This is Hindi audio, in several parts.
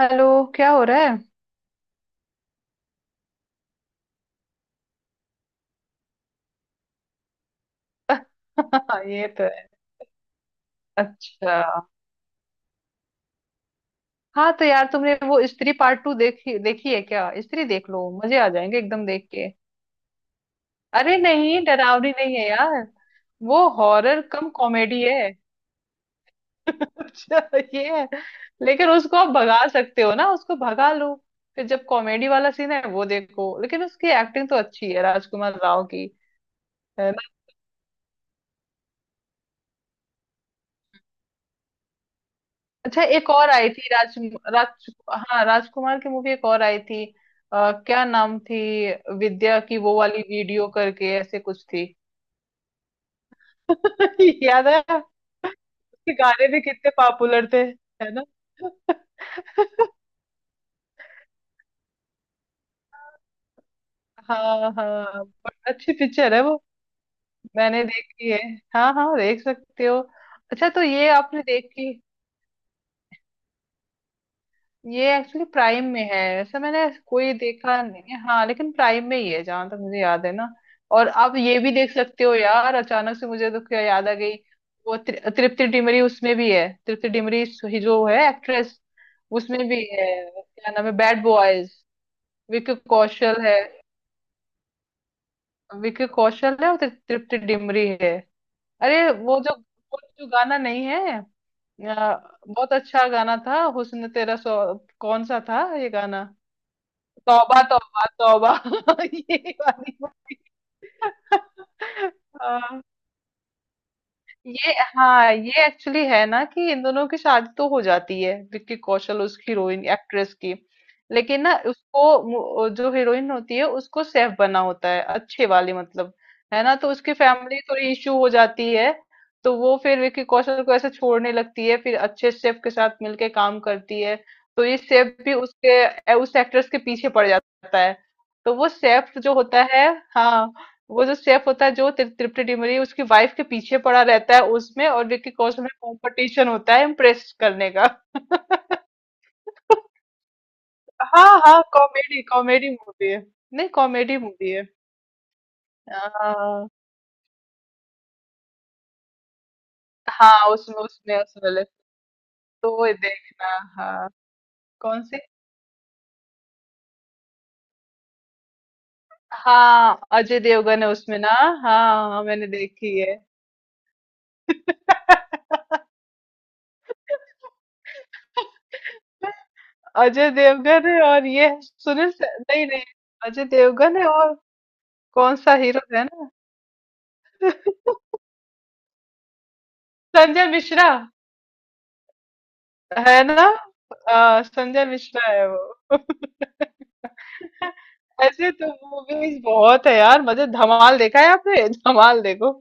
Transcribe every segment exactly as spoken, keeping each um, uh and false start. हेलो। क्या हो रहा है? ये तो है। अच्छा, हाँ तो यार तुमने वो स्त्री पार्ट टू देखी देखी है क्या? स्त्री देख लो, मजे आ जाएंगे एकदम देख के। अरे नहीं, डरावनी नहीं है यार, वो हॉरर कम कॉमेडी है। अच्छा, ये है। लेकिन उसको आप भगा सकते हो ना, उसको भगा लो। फिर जब कॉमेडी वाला सीन है वो देखो, लेकिन उसकी एक्टिंग तो अच्छी है राजकुमार राव की। अच्छा, एक और आई थी राज राज हाँ, राजकुमार की मूवी एक और आई थी। आ, क्या नाम थी? विद्या की वो वाली वीडियो करके ऐसे कुछ थी। याद है? उसके गाने भी कितने पॉपुलर थे, है ना? हाँ हाँ, बट अच्छी पिक्चर है वो। मैंने देखी है। हाँ हाँ, देख सकते हो। अच्छा, तो ये आपने देखी। ये एक्चुअली प्राइम में है। ऐसा मैंने कोई देखा नहीं है, हाँ, लेकिन प्राइम में ही है जहां तक मुझे याद है ना। और आप ये भी देख सकते हो यार, अचानक से मुझे तो क्या याद आ गई। वो तृ- तृप्ति डिमरी उसमें भी है, तृप्ति डिमरी ही जो है एक्ट्रेस, उसमें भी है। क्या नाम है, बैड बॉयज। विकी कौशल है, विकी कौशल है, और तृ- तृप्ति डिमरी है। अरे, वो जो, वो जो गाना नहीं है, अ, बहुत अच्छा गाना था, हुस्न तेरा सौ। कौन सा था ये गाना? तौबा तौबा तौबा। ये वाली बात। हाँ। ये हाँ, ये एक्चुअली है ना कि इन दोनों की शादी तो हो जाती है, विक्की कौशल उस हीरोइन एक्ट्रेस की। लेकिन ना उसको, मु- जो हीरोइन होती है उसको सेफ बना होता है, अच्छे वाली मतलब। है ना, तो उसकी फैमिली थोड़ी इश्यू हो जाती है। तो वो फिर विक्की कौशल को ऐसे छोड़ने लगती है, फिर अच्छे सेफ के साथ मिलके काम करती है। तो ये सेफ भी उसके उस एक्ट्रेस के पीछे पड़ जाता है। तो वो सेफ जो होता है, हाँ, वो जो शेफ होता है, जो ति- तृप्ति डिमरी उसकी वाइफ के पीछे पड़ा रहता है, उसमें और विक्की कौशल में कंपटीशन होता है इम्प्रेस करने का। हाँ हाँ, कॉमेडी कॉमेडी मूवी है। नहीं, कॉमेडी मूवी है। हाँ हाँ, उसमें उसमें उसमें ले- तो वो देखना। हाँ। कौन सी? हाँ, अजय देवगन है उसमें ना। हाँ हाँ, मैंने देखी है। अजय देवगन है और ये है सुनील से- नहीं नहीं, अजय देवगन है, और कौन सा हीरो है ना? संजय मिश्रा। है ना? आ, संजय मिश्रा है वो। ऐसे तो मूवीज बहुत है यार, मजे। धमाल देखा है आपने? धमाल देखो।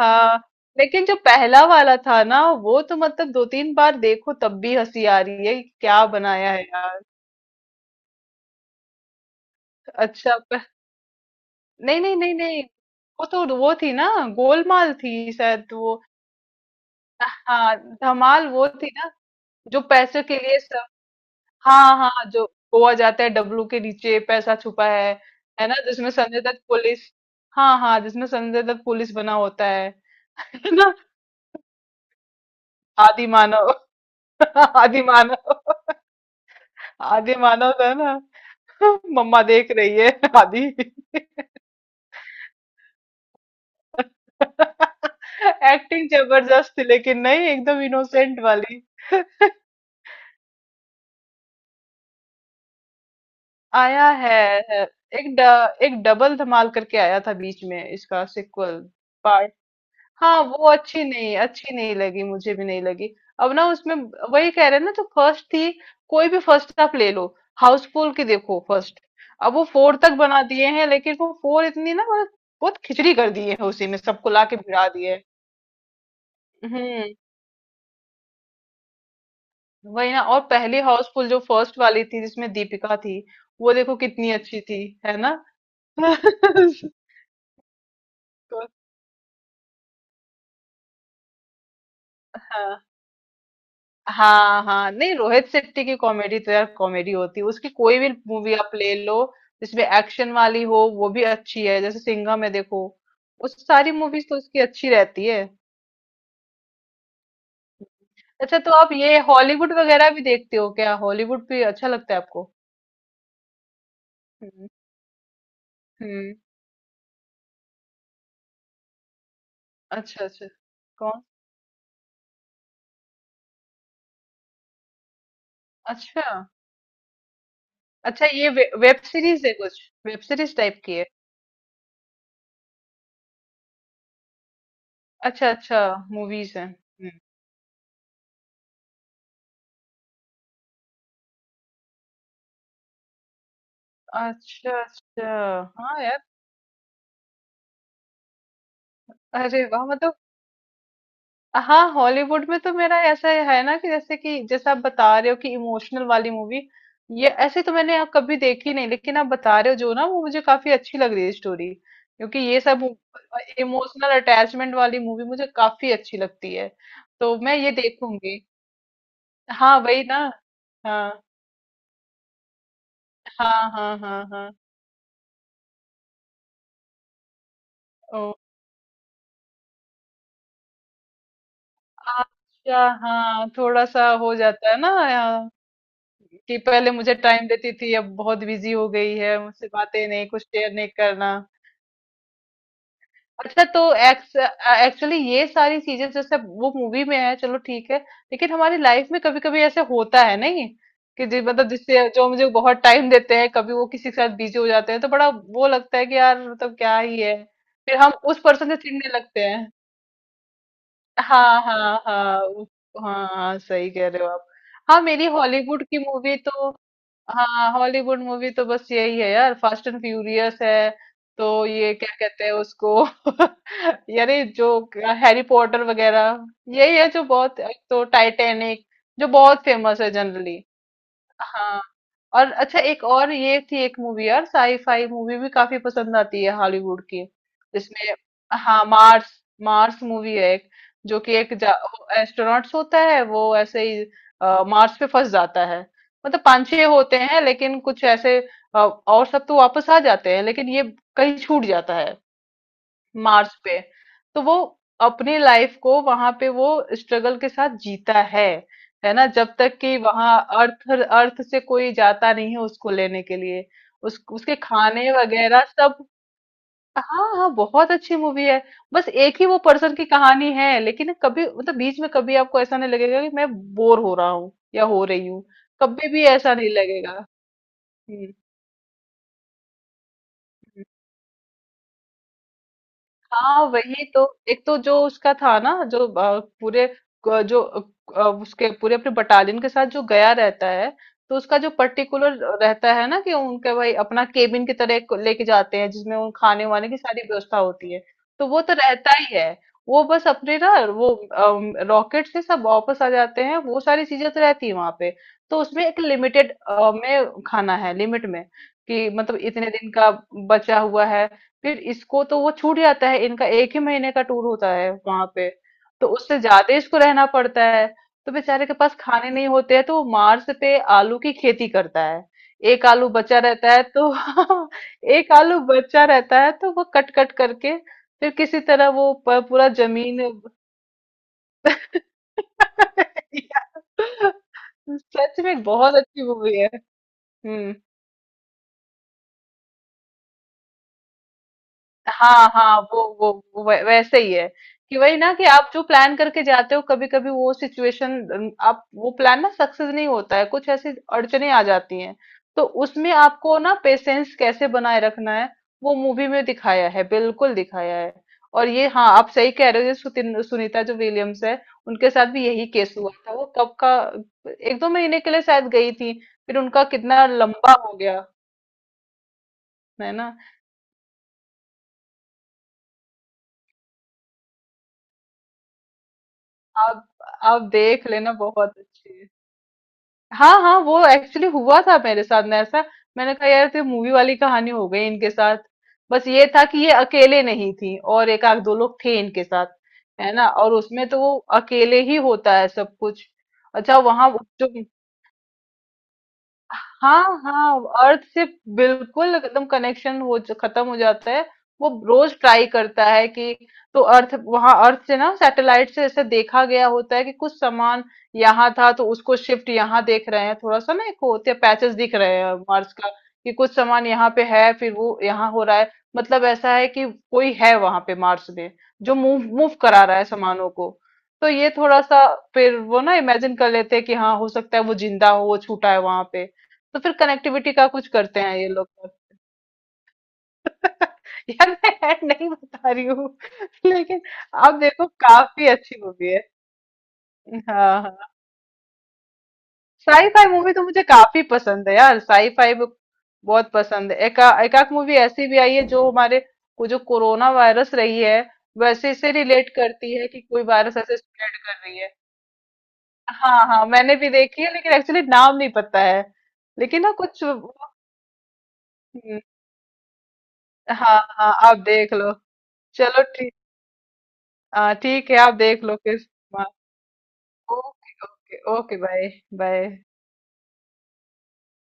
हाँ, लेकिन जो पहला वाला था ना, वो तो मतलब दो तीन बार देखो तब भी हंसी आ रही है कि क्या बनाया है यार। अच्छा प... नहीं नहीं नहीं नहीं, वो तो वो थी ना, गोलमाल थी शायद वो। हाँ, धमाल वो थी ना जो पैसे के लिए सब, हाँ हाँ, जो गोवा जाते हैं, डब्लू के नीचे पैसा छुपा है। है ना, जिसमें संजय दत्त पुलिस, हाँ हाँ, जिसमें संजय दत्त पुलिस बना होता है। है ना, आदि मानव। आदि मानव। आदि मानव था ना, मम्मा देख रही है आदि। एक्टिंग जबरदस्त थी लेकिन, नहीं एकदम इनोसेंट वाली। आया है। है। एक ड, एक डबल धमाल करके आया था बीच में इसका सिक्वल। हाँ, वो अच्छी नहीं अच्छी नहीं लगी, मुझे भी नहीं लगी। अब ना उसमें वही कह रहे हैं ना जो फर्स्ट थी। कोई भी फर्स्ट आप ले लो, हाउसफुल की देखो फर्स्ट। अब वो फोर तक बना दिए हैं लेकिन वो फोर इतनी ना, मतलब बहुत खिचड़ी कर दिए हैं, उसी में सबको लाके भिड़ा दिए हैं। हम्म वही ना। और पहली हाउसफुल जो फर्स्ट वाली थी जिसमें दीपिका थी, वो देखो कितनी अच्छी थी, है ना? हाँ हाँ हाँ, नहीं रोहित शेट्टी की कॉमेडी तो यार कॉमेडी होती है, उसकी कोई भी मूवी आप ले लो, जिसमें एक्शन वाली हो वो भी अच्छी है, जैसे सिंघम में देखो। उस सारी मूवीज तो उसकी अच्छी रहती है। अच्छा, तो आप ये हॉलीवुड वगैरह भी देखते हो क्या? हॉलीवुड भी अच्छा लगता है आपको? हम्म। हम्म। अच्छा अच्छा, कौन। अच्छा अच्छा, ये वे, वेब सीरीज है कुछ? वेब सीरीज टाइप की है? अच्छा अच्छा, मूवीज है। हम्म, अच्छा अच्छा। हाँ यार। अरे वाह, मतलब। हाँ, हॉलीवुड में तो मेरा ऐसा है ना कि जैसे कि जैसा आप बता रहे हो कि इमोशनल वाली मूवी, ये ऐसे तो मैंने आप कभी देखी नहीं, लेकिन आप बता रहे हो जो ना, वो मुझे काफी अच्छी लग रही है स्टोरी, क्योंकि ये सब इमोशनल अटैचमेंट वाली मूवी मुझे काफी अच्छी लगती है। तो मैं ये देखूंगी। हाँ, वही ना। हाँ हाँ हाँ हाँ हाँ। ओ, अच्छा हाँ, थोड़ा सा हो जाता है ना, हाँ, कि पहले मुझे टाइम देती थी, अब बहुत बिजी हो गई है, मुझसे बातें नहीं, कुछ शेयर नहीं करना। अच्छा, तो एक्स एक्चुअली ये सारी चीजें जैसे वो मूवी में है, चलो ठीक है, लेकिन हमारी लाइफ में कभी कभी ऐसे होता है नहीं, कि जी मतलब जिससे जो मुझे बहुत टाइम देते हैं कभी वो किसी के साथ बिजी हो जाते हैं, तो बड़ा वो लगता है कि यार मतलब क्या ही है। फिर हम उस पर्सन से चिढ़ने लगते हैं। हाँ हाँ हाँ, उस- हाँ हाँ, सही कह रहे हो आप। हाँ, मेरी हॉलीवुड की मूवी तो, हाँ, हॉलीवुड मूवी तो बस यही है यार, फास्ट एंड फ्यूरियस है। तो ये क्या कहते हैं उसको? यारे जो हैरी पॉटर वगैरह, यही है जो बहुत। एक तो टाइटैनिक जो बहुत फेमस है जनरली। हाँ। और अच्छा, एक और ये थी एक मूवी यार, साई फाई मूवी भी काफी पसंद आती है हॉलीवुड की, जिसमें। हाँ, मार्स। मार्स मूवी है एक, जो कि एक एस्ट्रोनॉट्स होता है, वो ऐसे ही अ, मार्स पे फंस जाता है। मतलब पांच छह होते हैं, लेकिन कुछ ऐसे अ, और सब तो वापस आ जाते हैं लेकिन ये कहीं छूट जाता है मार्स पे। तो वो अपनी लाइफ को वहां पे वो स्ट्रगल के साथ जीता है है ना, जब तक कि वहां अर्थ अर्थ से कोई जाता नहीं है उसको लेने के लिए। उस उसके खाने वगैरह सब। हाँ हाँ, बहुत अच्छी मूवी है। बस एक ही वो पर्सन की कहानी है, लेकिन कभी मतलब बीच में कभी आपको ऐसा नहीं लगेगा कि मैं बोर हो रहा हूँ या हो रही हूँ। कभी भी ऐसा नहीं लगेगा। हम्म। हम्म। हाँ, वही तो। एक तो जो उसका था ना, जो अ, पूरे क- जो अ, उसके पूरे अपने बटालियन के साथ जो गया रहता है, तो उसका जो पर्टिकुलर रहता है ना कि उनके भाई अपना केबिन की तरह एक लेके जाते हैं जिसमें उन खाने वाने की सारी व्यवस्था होती है। तो वो तो रहता ही है, वो बस अपने ना वो, रॉकेट से सब वापस आ जाते हैं, वो सारी चीजें तो रहती है वहां पे। तो उसमें एक लिमिटेड में खाना है, लिमिट में, कि मतलब इतने दिन का बचा हुआ है। फिर इसको तो वो छूट जाता है, इनका एक ही महीने का टूर होता है वहां पे, तो उससे ज्यादा इसको रहना पड़ता है। तो बेचारे के पास खाने नहीं होते हैं, तो वो मार्च पे आलू की खेती करता है। एक आलू बचा रहता है तो, एक आलू बचा रहता है तो वो कट कट करके फिर किसी तरह वो प- पूरा जमीन। सच में बहुत अच्छी मूवी है। हम्म। हाँ हाँ, वो वो वो वै- वैसे ही है, कि वही ना कि आप जो प्लान करके जाते हो, कभी कभी वो सिचुएशन आप वो प्लान ना सक्सेस नहीं होता है, कुछ ऐसी अड़चने आ जाती हैं। तो उसमें आपको ना पेशेंस कैसे बनाए रखना है, वो मूवी में दिखाया है, बिल्कुल दिखाया है। और ये, हाँ, आप सही कह रहे हो, ये सुतिन- सुनीता जो विलियम्स है, उनके साथ भी यही केस हुआ था, वो कब का एक दो महीने के लिए शायद गई थी, फिर उनका कितना लंबा हो गया। है ना? आप आप देख लेना बहुत अच्छी है। हाँ, हाँ, वो एक्चुअली हुआ था मेरे साथ ना ऐसा। मैंने कहा यार ये मूवी वाली कहानी हो गई इनके साथ। बस ये था कि ये अकेले नहीं थी, और एक आध दो लोग थे इनके साथ, है ना? और उसमें तो वो अकेले ही होता है सब कुछ। अच्छा, वहाँ वो जो, हाँ हाँ, अर्थ से बिल्कुल एकदम कनेक्शन हो खत्म हो जाता है। वो रोज ट्राई करता है कि, तो अर्थ वहां अर्थ से ना सैटेलाइट से ऐसे देखा गया होता है कि कुछ सामान यहाँ था तो उसको शिफ्ट यहाँ देख रहे हैं, थोड़ा सा ना एक होते हैं पैचेस दिख रहे हैं मार्स का, कि कुछ सामान यहाँ पे है फिर वो यहाँ हो रहा है, मतलब ऐसा है कि कोई है वहां पे मार्स में जो मूव मूव करा रहा है सामानों को। तो ये थोड़ा सा, फिर वो ना इमेजिन कर लेते हैं कि हाँ हो सकता है वो जिंदा हो, वो छूटा है वहां पे, तो फिर कनेक्टिविटी का कुछ करते हैं ये लोग। यार मैं ऐड नहीं बता रही हूँ। लेकिन आप देखो काफी अच्छी मूवी है। हाँ हाँ, साई फाई मूवी तो मुझे काफी पसंद है यार, साई फाई बहुत पसंद है। एका एकाक मूवी ऐसी भी आई है जो हमारे को, जो कोरोना वायरस रही है वैसे से रिलेट करती है, कि कोई वायरस ऐसे स्प्रेड कर रही है। हाँ हाँ, मैंने भी देखी है लेकिन एक्चुअली नाम नहीं पता है। लेकिन ना कुछ हम्म, हाँ हाँ, आप देख लो। चलो ठीक। हाँ, ठीक है, आप देख लो किस। Okay okay okay, bye. Bye.